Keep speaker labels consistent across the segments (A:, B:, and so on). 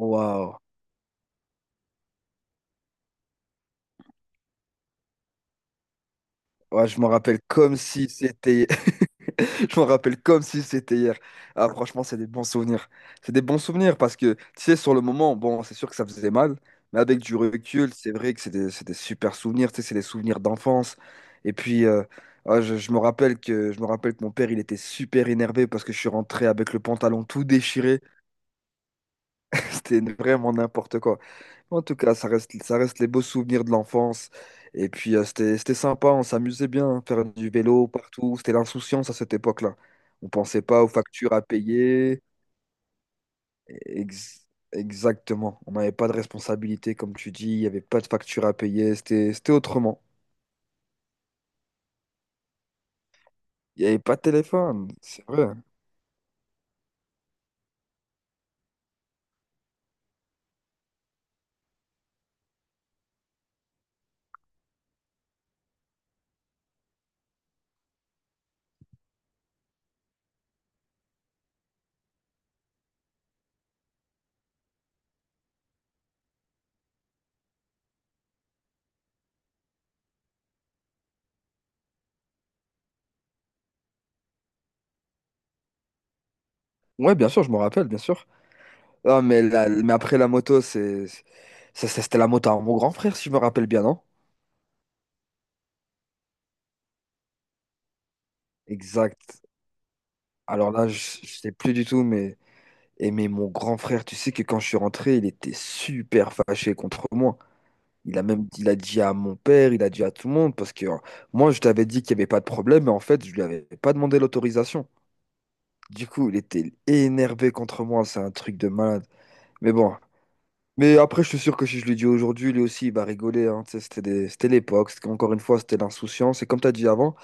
A: Waouh. Ouais, je m'en rappelle comme si c'était. Je m'en rappelle comme si c'était hier. Ah, franchement, c'est des bons souvenirs. C'est des bons souvenirs parce que, tu sais, sur le moment, bon, c'est sûr que ça faisait mal, mais avec du recul, c'est vrai que c'est des super souvenirs. Tu sais, c'est des souvenirs d'enfance. Et puis, ah, je me rappelle que, je me rappelle que mon père, il était super énervé parce que je suis rentré avec le pantalon tout déchiré. C'était vraiment n'importe quoi. En tout cas, ça reste les beaux souvenirs de l'enfance. Et puis, c'était sympa, on s'amusait bien, faire du vélo partout. C'était l'insouciance à cette époque-là. On pensait pas aux factures à payer. Ex- exactement. On n'avait pas de responsabilité, comme tu dis. Il n'y avait pas de factures à payer. C'était autrement. Il n'y avait pas de téléphone. C'est vrai. Ouais, bien sûr, je me rappelle, bien sûr. Ah, mais, mais après la moto, ça, c'était la moto à mon grand frère, si je me rappelle bien, non? Exact. Alors là, je sais plus du tout, mais mon grand frère, tu sais que quand je suis rentré, il était super fâché contre moi. Il a dit à mon père, il a dit à tout le monde, parce que moi, je t'avais dit qu'il n'y avait pas de problème, mais en fait, je lui avais pas demandé l'autorisation. Du coup, il était énervé contre moi, c'est un truc de malade. Mais bon, mais après, je suis sûr que si je lui dis aujourd'hui, lui aussi, il va rigoler, hein. Tu sais, c'était l'époque, encore une fois, c'était l'insouciance. Et comme tu as dit avant,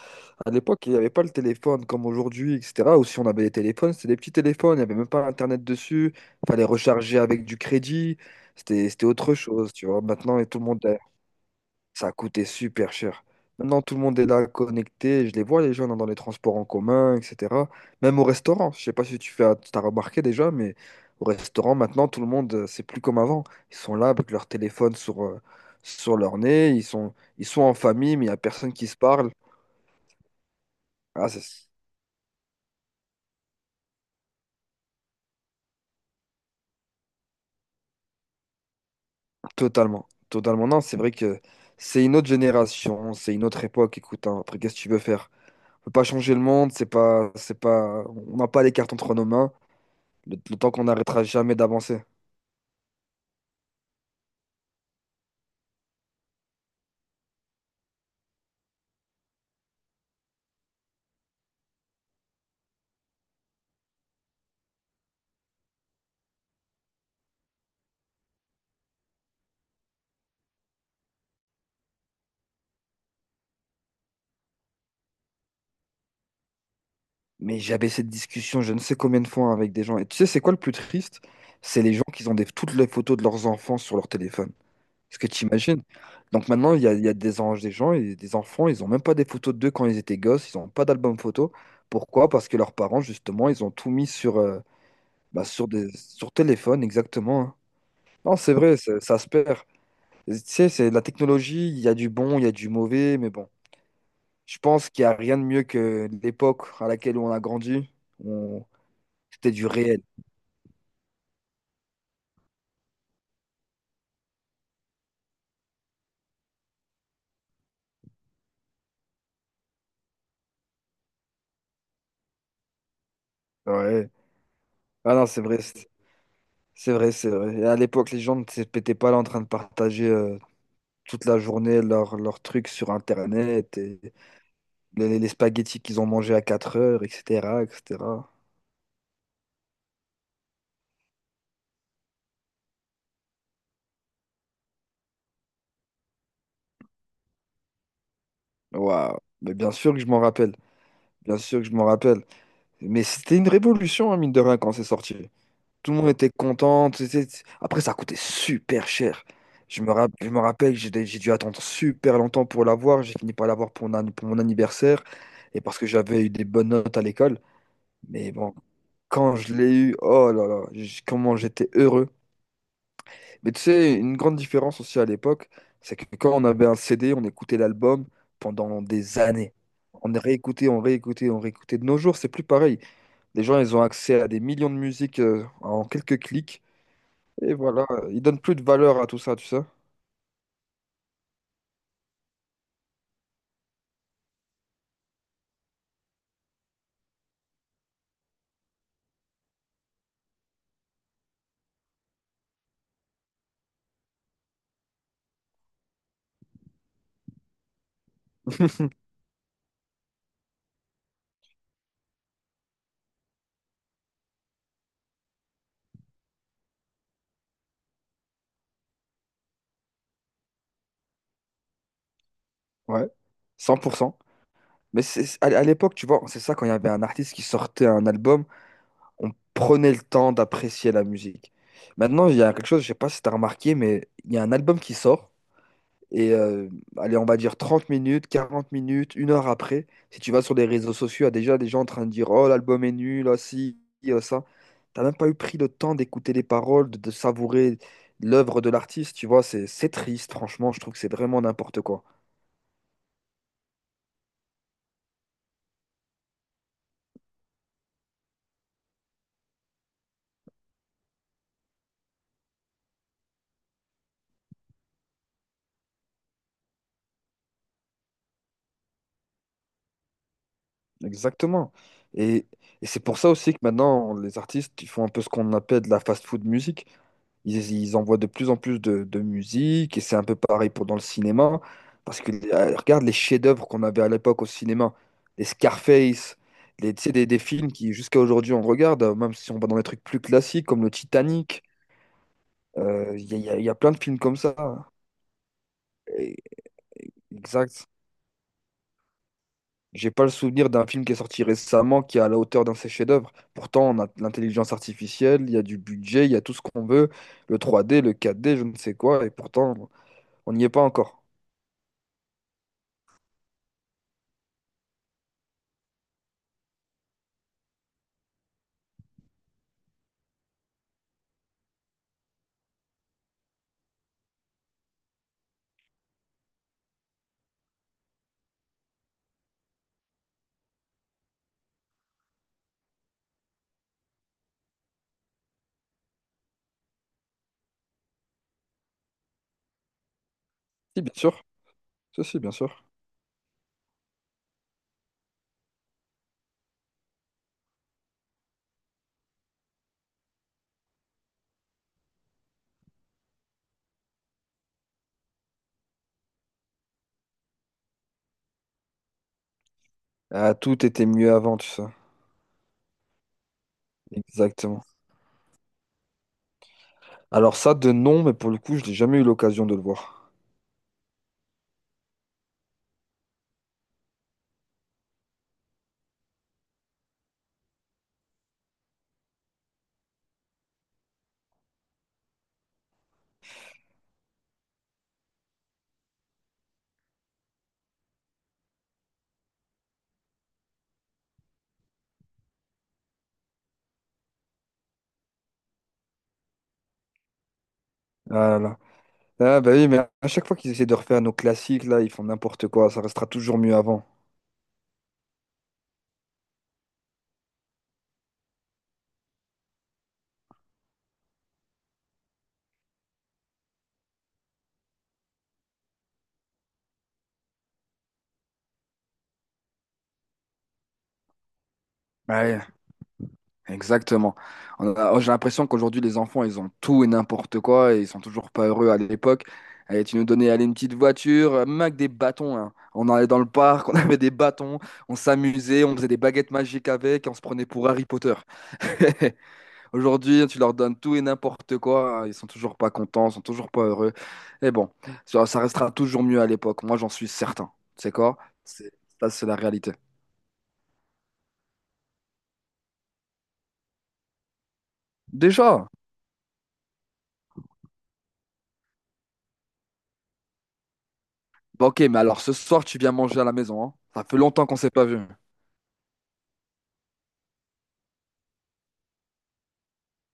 A: à l'époque, il n'y avait pas le téléphone comme aujourd'hui, etc. Ou si on avait les téléphones, c'était des petits téléphones, il n'y avait même pas Internet dessus, il fallait recharger avec du crédit, c'était autre chose, tu vois. Maintenant, et tout le monde, a- ça a coûté super cher. Maintenant, tout le monde est là connecté, je les vois, les gens dans les transports en commun, etc. Même au restaurant, je sais pas si tu fais, t'as remarqué déjà, mais au restaurant, maintenant, tout le monde, c'est plus comme avant. Ils sont là avec leur téléphone sur leur nez, ils sont en famille, mais il n'y a personne qui se parle. Ah, c'est Totalement, totalement. Non, c'est vrai que c'est une autre génération, c'est une autre époque. Écoute, hein, après, qu'est-ce que tu veux faire? On peut pas changer le monde, c'est pas, on n'a pas les cartes entre nos mains. Le temps qu'on n'arrêtera jamais d'avancer. Mais j'avais cette discussion, je ne sais combien de fois, hein, avec des gens. Et tu sais, c'est quoi le plus triste? C'est les gens qui ont toutes les photos de leurs enfants sur leur téléphone. Est-ce que tu imagines? Donc maintenant, il y a des, en- des gens, et des enfants, ils ont même pas des photos d'eux quand ils étaient gosses, ils n'ont pas d'album photo. Pourquoi? Parce que leurs parents, justement, ils ont tout mis bah, sur téléphone, exactement, hein. Non, c'est vrai, ça se perd. Tu sais, c'est la technologie, il y a du bon, il y a du mauvais, mais bon, je pense qu'il n'y a rien de mieux que l'époque à laquelle on a grandi. On... C'était du réel. Ouais. Ah non, c'est vrai, c'est vrai, c'est vrai. Et à l'époque, les gens ne se pétaient pas là en train de partager toute la journée leurs trucs sur Internet, et les spaghettis qu'ils ont mangés à 4 heures, etc., etc. Waouh. Mais bien sûr que je m'en rappelle. Bien sûr que je m'en rappelle. Mais c'était une révolution, hein, mine de rien, quand c'est sorti. Tout le monde était content. Tu sais, après, ça coûtait super cher. Je me rappelle, que j'ai dû attendre super longtemps pour l'avoir. J'ai fini par l'avoir pour mon anniversaire et parce que j'avais eu des bonnes notes à l'école. Mais bon, quand je l'ai eu, oh là là, comment j'étais heureux. Mais tu sais, une grande différence aussi à l'époque, c'est que quand on avait un CD, on écoutait l'album pendant des années. On réécoutait, on réécoutait, on réécoutait. De nos jours, c'est plus pareil. Les gens, ils ont accès à des millions de musiques en quelques clics. Et voilà, ils donnent plus de valeur à tout ça, tu sais. Ouais, 100%. Mais à l'époque, tu vois, c'est ça, quand il y avait un artiste qui sortait un album, on prenait le temps d'apprécier la musique. Maintenant, il y a quelque chose, je sais pas si t'as remarqué, mais il y a un album qui sort. Et allez, on va dire 30 minutes, 40 minutes, une heure après, si tu vas sur les réseaux sociaux, il y a déjà des gens en train de dire, Oh, l'album est nul, ah, si, ah, ça. T'as même pas eu pris le temps d'écouter les paroles, de savourer l'œuvre de l'artiste, tu vois, c'est triste, franchement, je trouve que c'est vraiment n'importe quoi. Exactement. Et, et c'est pour ça aussi que maintenant, les artistes, ils font un peu ce qu'on appelle de la fast-food musique. Ils envoient de plus en plus de musique, et c'est un peu pareil pour dans le cinéma. Parce que, regarde les chefs-d'œuvre qu'on avait à l'époque au cinéma, les Scarface, tu sais, des films qui, jusqu'à aujourd'hui, on regarde, même si on va dans des trucs plus classiques comme le Titanic. Il y a plein de films comme ça. Et- exact. J'ai pas le souvenir d'un film qui est sorti récemment qui est à la hauteur d'un de ses chefs-d'œuvre. Pourtant, on a de l'intelligence artificielle, il y a du budget, il y a tout ce qu'on veut, le 3D, le 4D, je ne sais quoi, et pourtant, on n'y est pas encore. Si, bien sûr. Si, si, bien sûr. Ah, tout était mieux avant, tu sais. Exactement. Alors ça, de nom, mais pour le coup, je n'ai jamais eu l'occasion de le voir. Ah là là. Ah bah oui, mais à chaque fois qu'ils essaient de refaire nos classiques, là, ils font n'importe quoi, ça restera toujours mieux avant. Ouais. Exactement. Oh, j'ai l'impression qu'aujourd'hui, les enfants, ils ont tout et n'importe quoi et ils sont toujours pas heureux à l'époque. Et tu nous donnais aller une petite voiture, même avec des bâtons, hein. On allait dans le parc, on avait des bâtons, on s'amusait, on faisait des baguettes magiques avec et on se prenait pour Harry Potter. Aujourd'hui, tu leur donnes tout et n'importe quoi, hein, ils sont toujours pas contents, ils sont toujours pas heureux. Et bon, ça restera toujours mieux à l'époque. Moi, j'en suis certain. C'est quoi? C'est- Ça, c'est la réalité. Déjà. Bon, ok, mais alors ce soir, tu viens manger à la maison, hein? Ça fait longtemps qu'on s'est pas vu.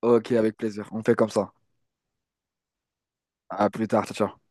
A: Ok, avec plaisir. On fait comme ça. À plus tard, ciao, ciao.